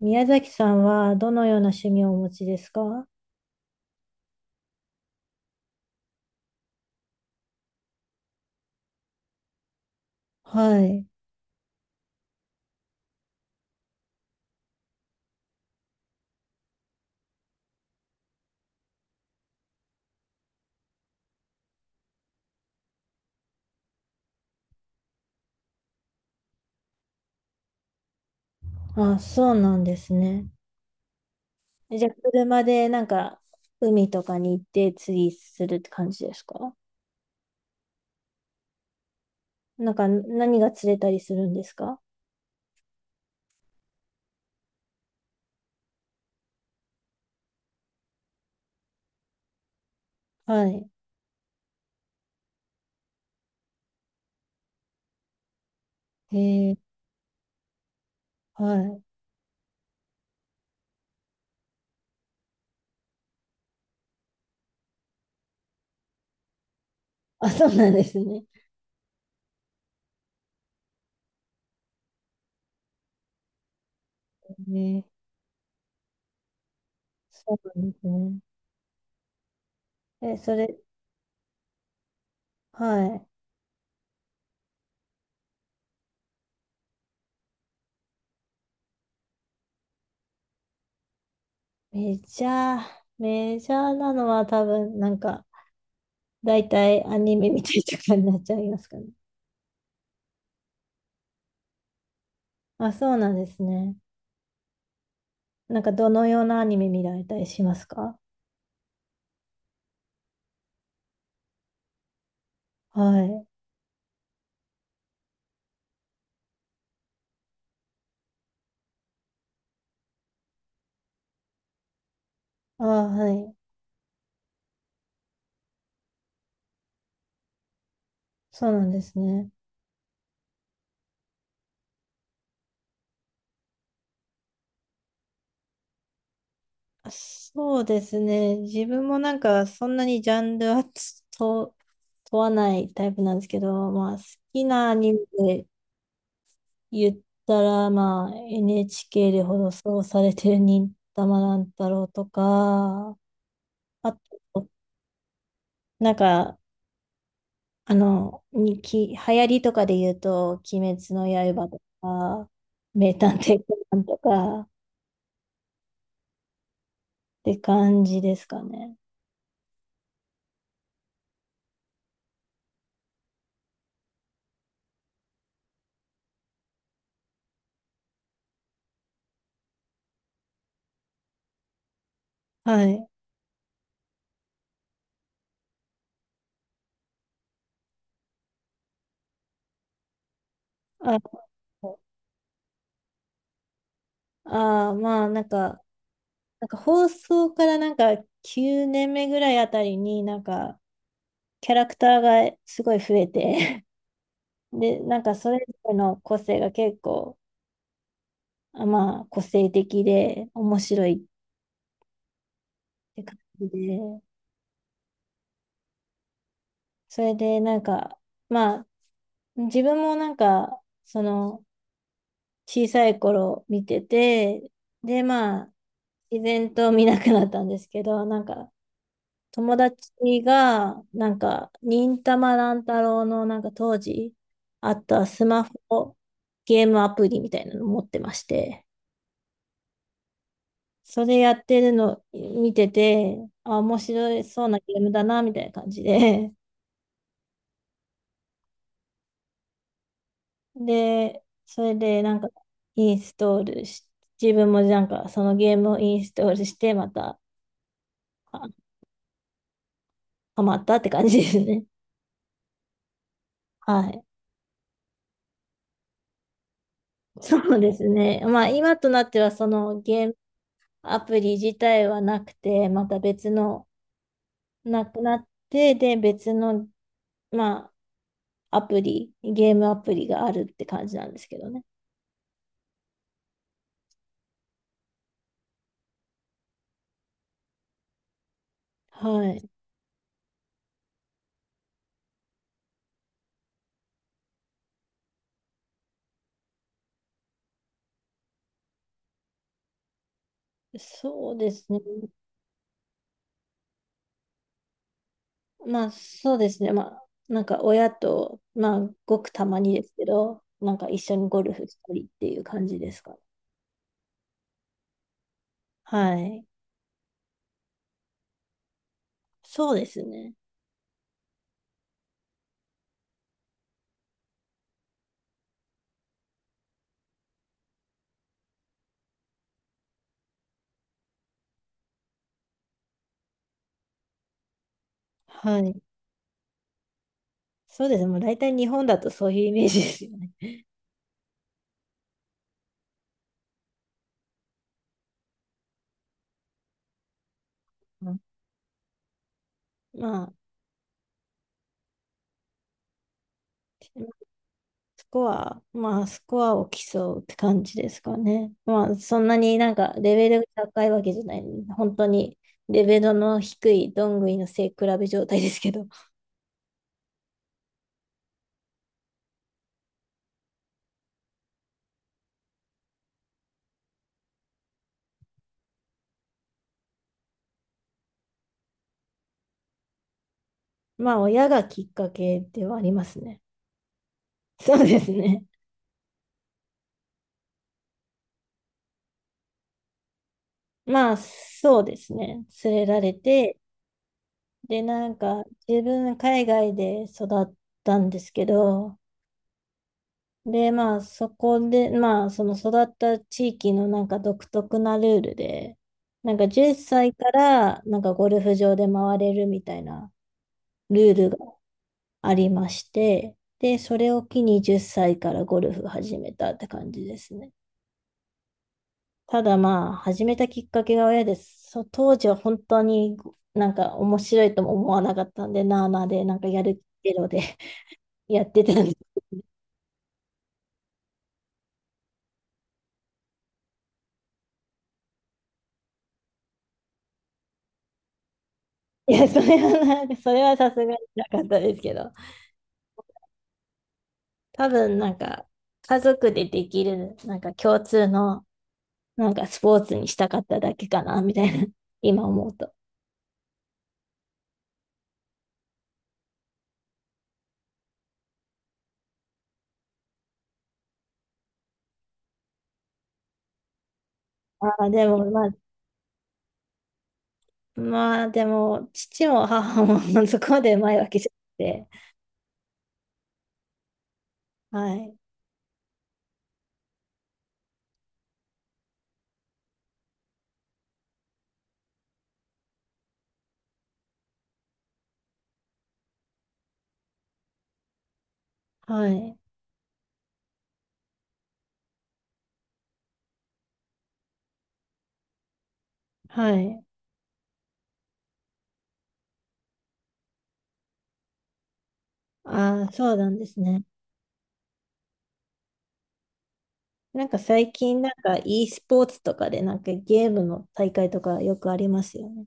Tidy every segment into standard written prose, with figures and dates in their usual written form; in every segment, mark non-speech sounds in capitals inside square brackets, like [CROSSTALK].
宮崎さんはどのような趣味をお持ちですか？はい。あ、そうなんですね。じゃあ、車でなんか海とかに行って釣りするって感じですか？なんか何が釣れたりするんですか？はい。へえ、はい。あ、そうなんですね。へえ、そうなんですね。え、それ、はい。メジャー、メジャーなのは多分なんか大体アニメ見いなとかになっちゃいますかね。あ、そうなんですね。なんかどのようなアニメ見られたりしますか？はい。ああ、はい。そうなんですね。あそうですね。自分もなんかそんなにジャンルはつと問わないタイプなんですけど、まあ好きなアニメで言ったら、まあ NHK で放送されてる忍たま乱太郎とか、あと、なんか、あの、流行りとかで言うと、鬼滅の刃とか、名探偵コナンとか、って感じですかね。はい。あ、まあ、なんか放送からなんか9年目ぐらいあたりになんかキャラクターがすごい増えて [LAUGHS] で、なんかそれぞれの個性が結構、あまあ、個性的で面白いって感じで、それでなんか、まあ、自分もなんか、その、小さい頃見てて、で、まあ、自然と見なくなったんですけど、なんか、友達が、なんか、忍たま乱太郎の、なんか当時あったスマホゲームアプリみたいなの持ってまして、それやってるの見てて、あ、面白そうなゲームだな、みたいな感じで、で、それでなんか、インストールし、自分もなんか、そのゲームをインストールして、また、あハマったって感じですね。[LAUGHS] はい。そうですね。まあ、今となっては、そのゲームアプリ自体はなくて、また別の、なくなって、で、別の、まあ、アプリ、ゲームアプリがあるって感じなんですけどね。はい。そうですね。まあ、そうですね。まあ、なんか親と、まあ、ごくたまにですけど、なんか一緒にゴルフしたりっていう感じですかね。はい。そうですね。はい。そうですね。もう大体日本だとそういうイメージですよね。[LAUGHS] うん、まあ、スコアを競うって感じですかね。まあ、そんなになんかレベルが高いわけじゃない。本当にレベルの低いどんぐりの背比べ状態ですけど。[LAUGHS] まあ、親がきっかけではありますね。そうですね。まあ、そうですね。連れられて、で、なんか自分海外で育ったんですけど、で、まあ、そこで、まあ、その育った地域のなんか独特なルールで、なんか10歳からなんかゴルフ場で回れるみたいなルールがありまして、で、それを機に10歳からゴルフ始めたって感じですね。ただまあ、始めたきっかけが親です。当時は本当になんか面白いとも思わなかったんで、なあなあで、なんかやるけどで [LAUGHS] やってたんです。いや、それはさすがになかったですけど。多分なんか家族でできるなんか共通のなんかスポーツにしたかっただけかなみたいな [LAUGHS] 今思うと。ああ、でもまあ、まあでも父も母も [LAUGHS] そこまでうまいわけじゃなくて。はい。はい。はい。ああ、そうなんですね。なんか最近なんか e スポーツとかでなんかゲームの大会とかよくありますよね。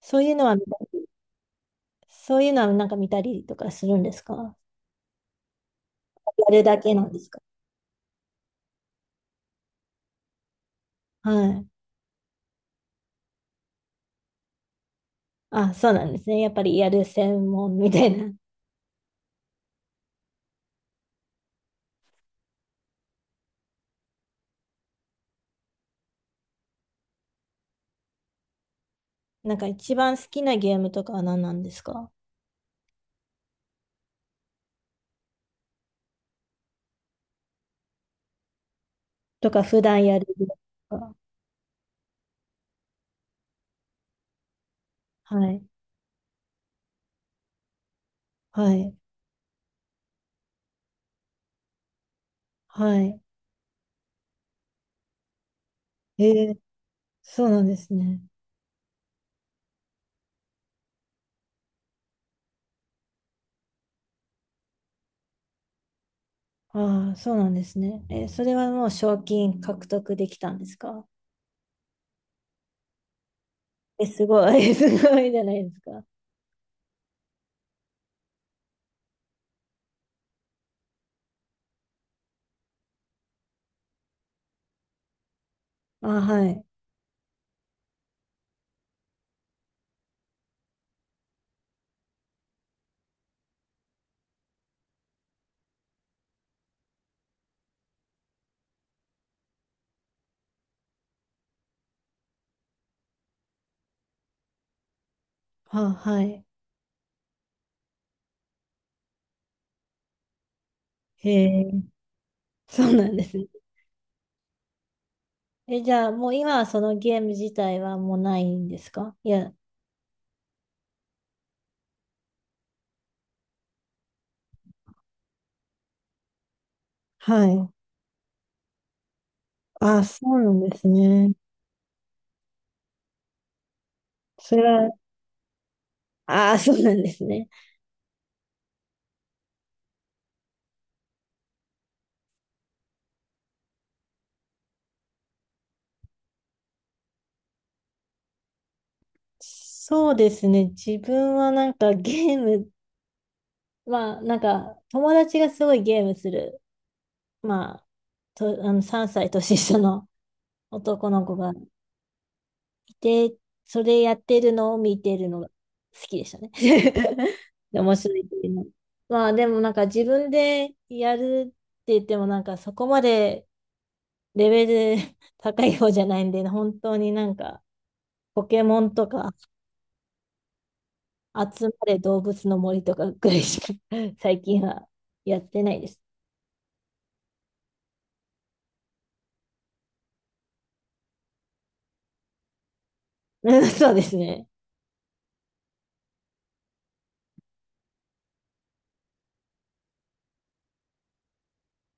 そういうのは見たり、そういうのはなんか見たりとかするんですか？やるだけなんですか？はい。あ、そうなんですね。やっぱりやる専門みたいな。[LAUGHS] なんか一番好きなゲームとかは何なんですか？とか普段やるゲームとか。はい。はい。はい。えー、そうなんですね。ああ、そうなんですね。それはもう賞金獲得できたんですか？え、すごい。[LAUGHS] すごいじゃないですか。あ、はい。あ、はい。へえ、そうなんですね。え、じゃあもう今はそのゲーム自体はもうないんですか？いや、はい。あ、そうなんですね。それはああ、[LAUGHS] そうなんですね。そうですね。自分はなんかゲーム、[LAUGHS] まあなんか友達がすごいゲームする、まあ、と、あの3歳年下の男の子がいて、それやってるのを見てるのが好きでしたね。[LAUGHS] で面白いっていうの。まあでもなんか自分でやるって言ってもなんかそこまでレベル [LAUGHS] 高い方じゃないんで、本当になんかポケモンとか集まれ動物の森とかぐらいしか [LAUGHS] 最近はやってないです。[LAUGHS] そうですね。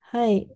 はい。